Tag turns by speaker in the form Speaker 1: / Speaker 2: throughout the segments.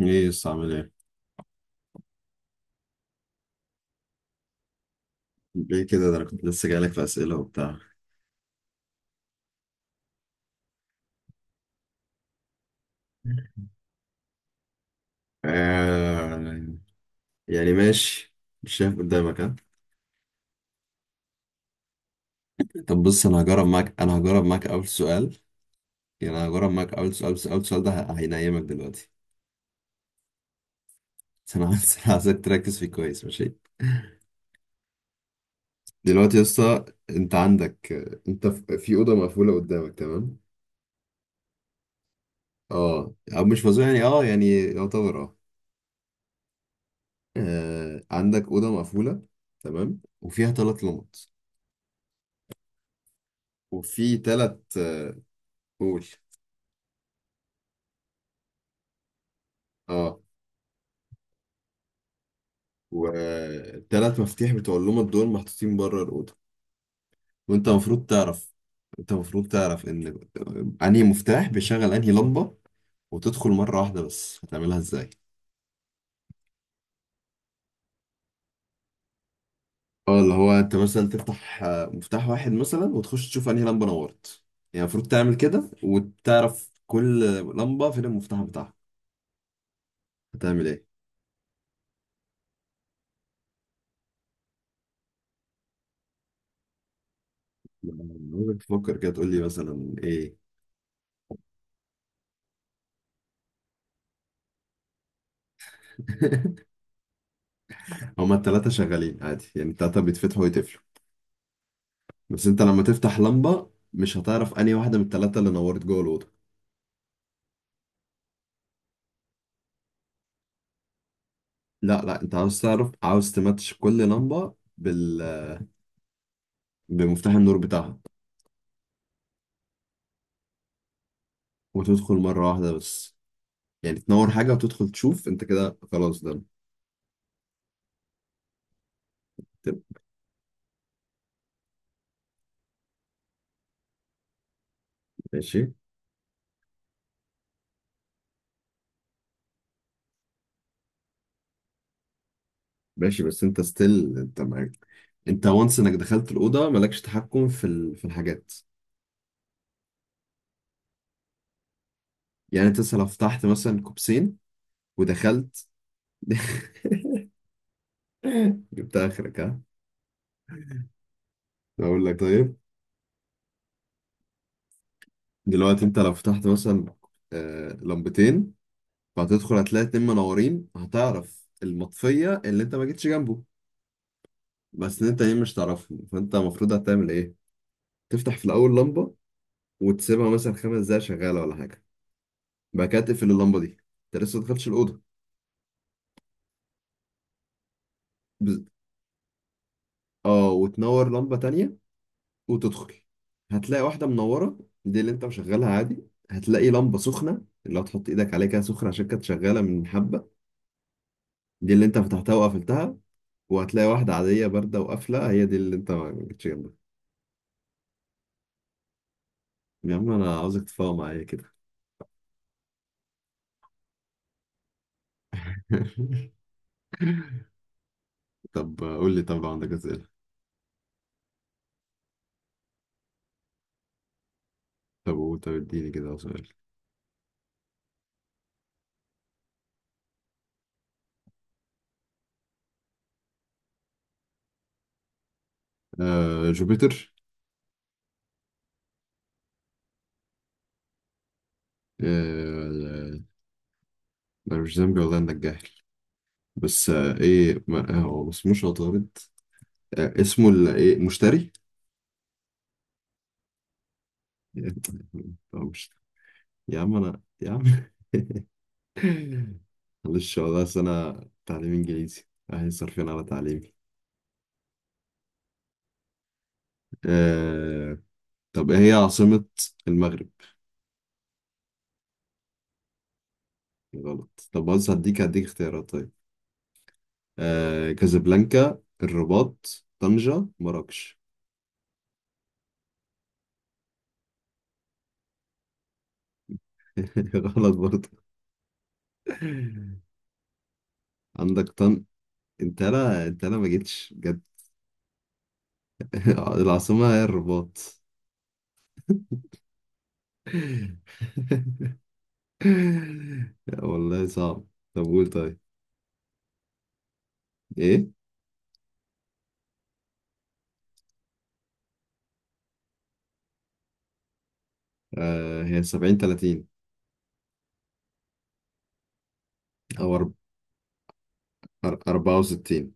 Speaker 1: ايه يس، عامل ايه؟ ليه كده؟ ده انا كنت لسه جايلك في اسئله وبتاع. آه، يعني ماشي. مش شايف قدامك، ها؟ طب بص، انا هجرب معاك اول سؤال. يعني انا هجرب معاك اول سؤال، بس اول سؤال ده هينيمك دلوقتي. بس انا عايزك تركز فيه كويس، ماشي؟ دلوقتي يا اسطى، انت عندك، انت في اوضه مقفوله قدامك، تمام. اه، او مش مزوق يعني، اه، يعني يعتبر، اه. آه، عندك اوضه مقفوله، تمام، وفيها ثلاث لمط. وفي ثلاث. قول. اه، والتلات مفاتيح بتوع اللمض دول محطوطين بره الأوضة. وأنت المفروض تعرف أنت المفروض تعرف إن أنهي مفتاح بيشغل أنهي لمبة، وتدخل مرة واحدة بس. هتعملها إزاي؟ اه، اللي هو أنت مثلا تفتح مفتاح واحد مثلا، وتخش تشوف أنهي لمبة نورت. يعني المفروض تعمل كده، وتعرف كل لمبة فين المفتاح بتاعها. هتعمل إيه؟ أنا عاوزك تفكر كده، تقول لي مثلا إيه؟ هما التلاتة شغالين عادي، يعني التلاتة بيتفتحوا ويتقفلوا. بس انت لما تفتح لمبة، مش هتعرف انهي واحدة من التلاتة اللي نورت جوه الأوضة. لا لا، انت عاوز تعرف، عاوز تماتش كل لمبة بمفتاح النور بتاعها، وتدخل مرة واحدة بس. يعني تنور حاجة وتدخل تشوف، انت كده خلاص، ده تبقى. ماشي. ماشي، بس انت ستيل، انت معاك، انت وانس انك دخلت الأوضة مالكش تحكم في الحاجات. يعني انت لو فتحت مثلا كوبسين ودخلت. جبت اخرك، ها؟ بقول لك، طيب، دلوقتي انت لو فتحت مثلا لمبتين، فهتدخل هتلاقي اتنين منورين، هتعرف المطفية اللي انت ما جيتش جنبه. بس انت تانيين مش تعرفهم، فانت المفروض هتعمل ايه. تفتح في الاول لمبة، وتسيبها مثلا 5 دقايق شغالة ولا حاجة. بعد كده تقفل اللمبة دي. انت لسه ما دخلتش الأوضة. بز... اه، وتنور لمبة تانية وتدخل، هتلاقي واحدة منورة. دي اللي انت مشغلها عادي. هتلاقي لمبة سخنة، اللي هتحط ايدك عليها كده سخنة عشان كانت شغالة من حبة. دي اللي انت فتحتها وقفلتها. وهتلاقي واحدة عادية باردة وقافلة، هي دي اللي انت ما جيتش جنبها. يا عم، انا عاوزك تفاهم معايا كده. طب قول لي، طب لو عندك اسئله. طب قول، طب اديني كده سؤال. آه، جوبيتر. آه، انا مش ذنبي والله انك جاهل. بس ايه، ما هو ما اسموش عطارد. آه، اسمه ايه، مشتري. آه، مش. يا عم انا، يا عم. معلش والله، أصل انا تعليم انجليزي، اهي صارفين على تعليمي. آه. طب ايه هي عاصمه المغرب؟ غلط. طب بص، هديك اختيارات طيب. آه، كازابلانكا، الرباط، طنجة، مراكش. غلط برضه. عندك طن. انت لا، انت لا، ما جيتش بجد. العاصمة هي الرباط. لا والله، صعب. طب قول، طيب. ايه، هي 70 30. او 64.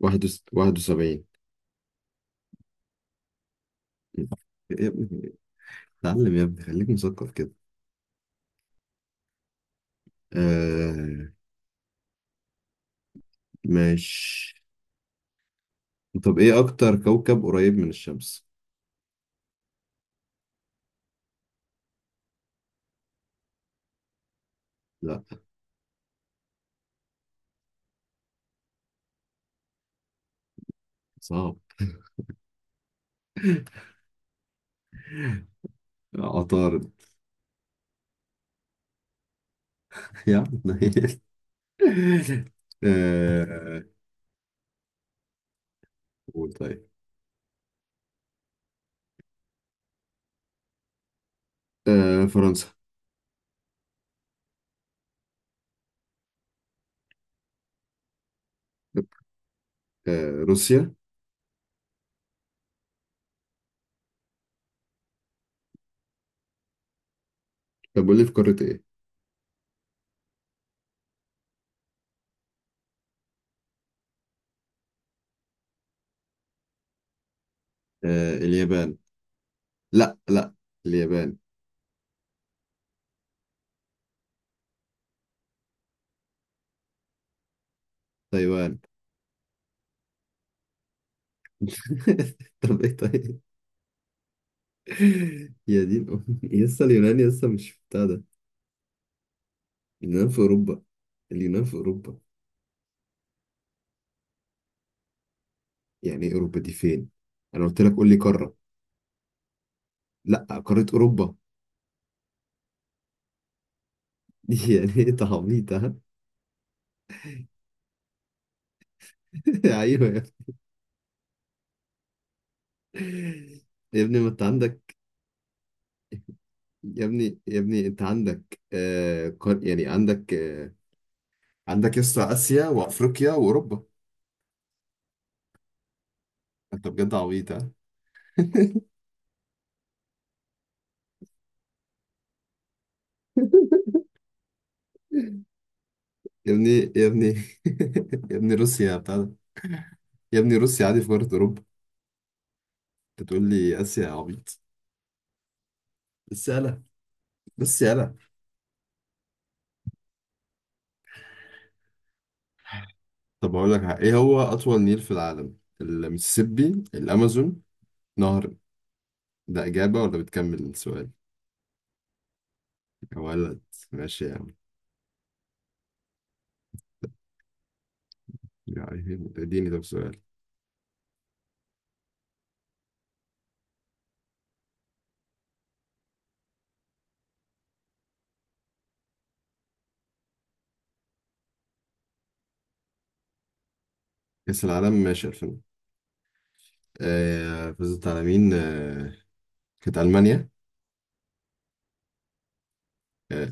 Speaker 1: 71. يا ابني، اتعلم يا ابني، خليك مثقف كده. آه. ماشي، طب ايه اكتر كوكب قريب من الشمس؟ صعب. عطارد. يا عم نيل. آه، قول طيب. آه، فرنسا. آه، روسيا. طب قول لي، في قارة ايه؟ آه، اليابان. لا لا، اليابان. تايوان. طب ايه طيب؟ يا دين أمي، يسا اليونان، يسا مش بتاع ده. اليونان في اوروبا. اليونان في اوروبا. يعني ايه اوروبا دي فين؟ انا قلت لك قول لي قارة. لا. قارة اوروبا. يعني ايه تعبيط، ها؟ ايوه. يا ابني، ما انت عندك. يا ابني، يا ابني انت عندك يعني عندك عندك يسطا اسيا وافريقيا واوروبا. انت بجد عبيط، ها؟ يا ابني، يا ابني، يا ابني روسيا بتاع ده. يا ابني، روسيا عادي في قارة اوروبا. انت تقول لي اسيا يا عبيط. بس يالا، بس يالا. طب هقول لك حاجة. ايه هو اطول نيل في العالم؟ المسيسيبي، الامازون، نهر. ده اجابة ولا بتكمل السؤال؟ يا ولد. ماشي يا عم. يعني اديني طب سؤال. كأس العالم ماشي 2000. آه، فزت على مين؟ آه، كانت ألمانيا. آه.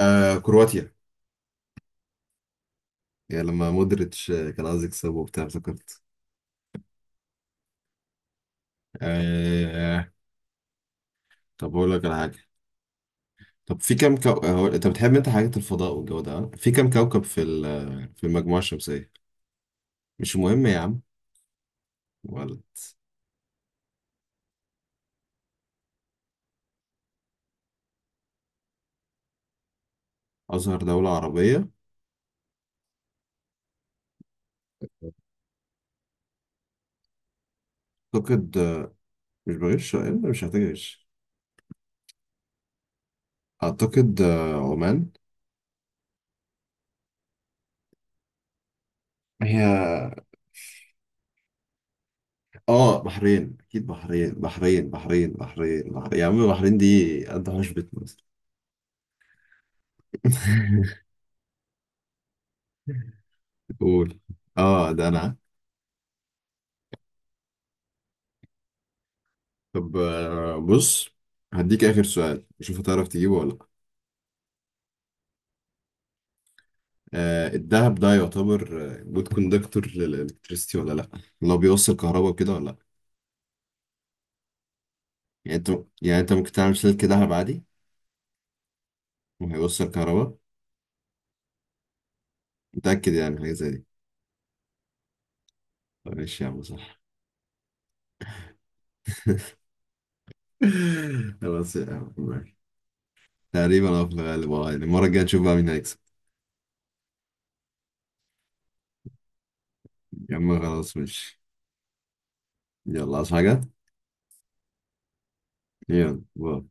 Speaker 1: آه، كرواتيا. يعني لما مودريتش آه، كان عايز يكسب وبتاع، افتكرت. آه، طب أقول لك على حاجة. طب في كم آه، أنت بتحب، أنت حاجات الفضاء والجو ده، آه؟ في كم كوكب آه، في المجموعة الشمسية؟ مش مهم يا عم. ولد. أصغر دولة عربية. أعتقد آه، مش بغش، آه، مش هتغش. أعتقد آه، عمان. هي. اه، بحرين، اكيد بحرين، بحرين بحرين بحرين بحرين يا عم، بحرين دي قد حشبة مصر. قول. اه، ده انا. طب آه، بص، هديك اخر سؤال، شوف هتعرف تجيبه ولا لا. آه، الدهب ده يعتبر جود كوندكتور للالكتريسيتي ولا لا؟ لو بيوصل كهرباء كده، ولا لا؟ يعني انت يعني انت ممكن تعمل سلك دهب عادي وهيوصل كهرباء. متأكد يعني حاجة زي دي. طب ماشي يا عم، صح. خلاص يا عم. تقريبا، اه، في الغالب، اه، يعني المرة الجاية نشوف بقى مين هيكسب. يا عم خلاص، ماشي. يلا، عايز حاجة؟ يلا، باي.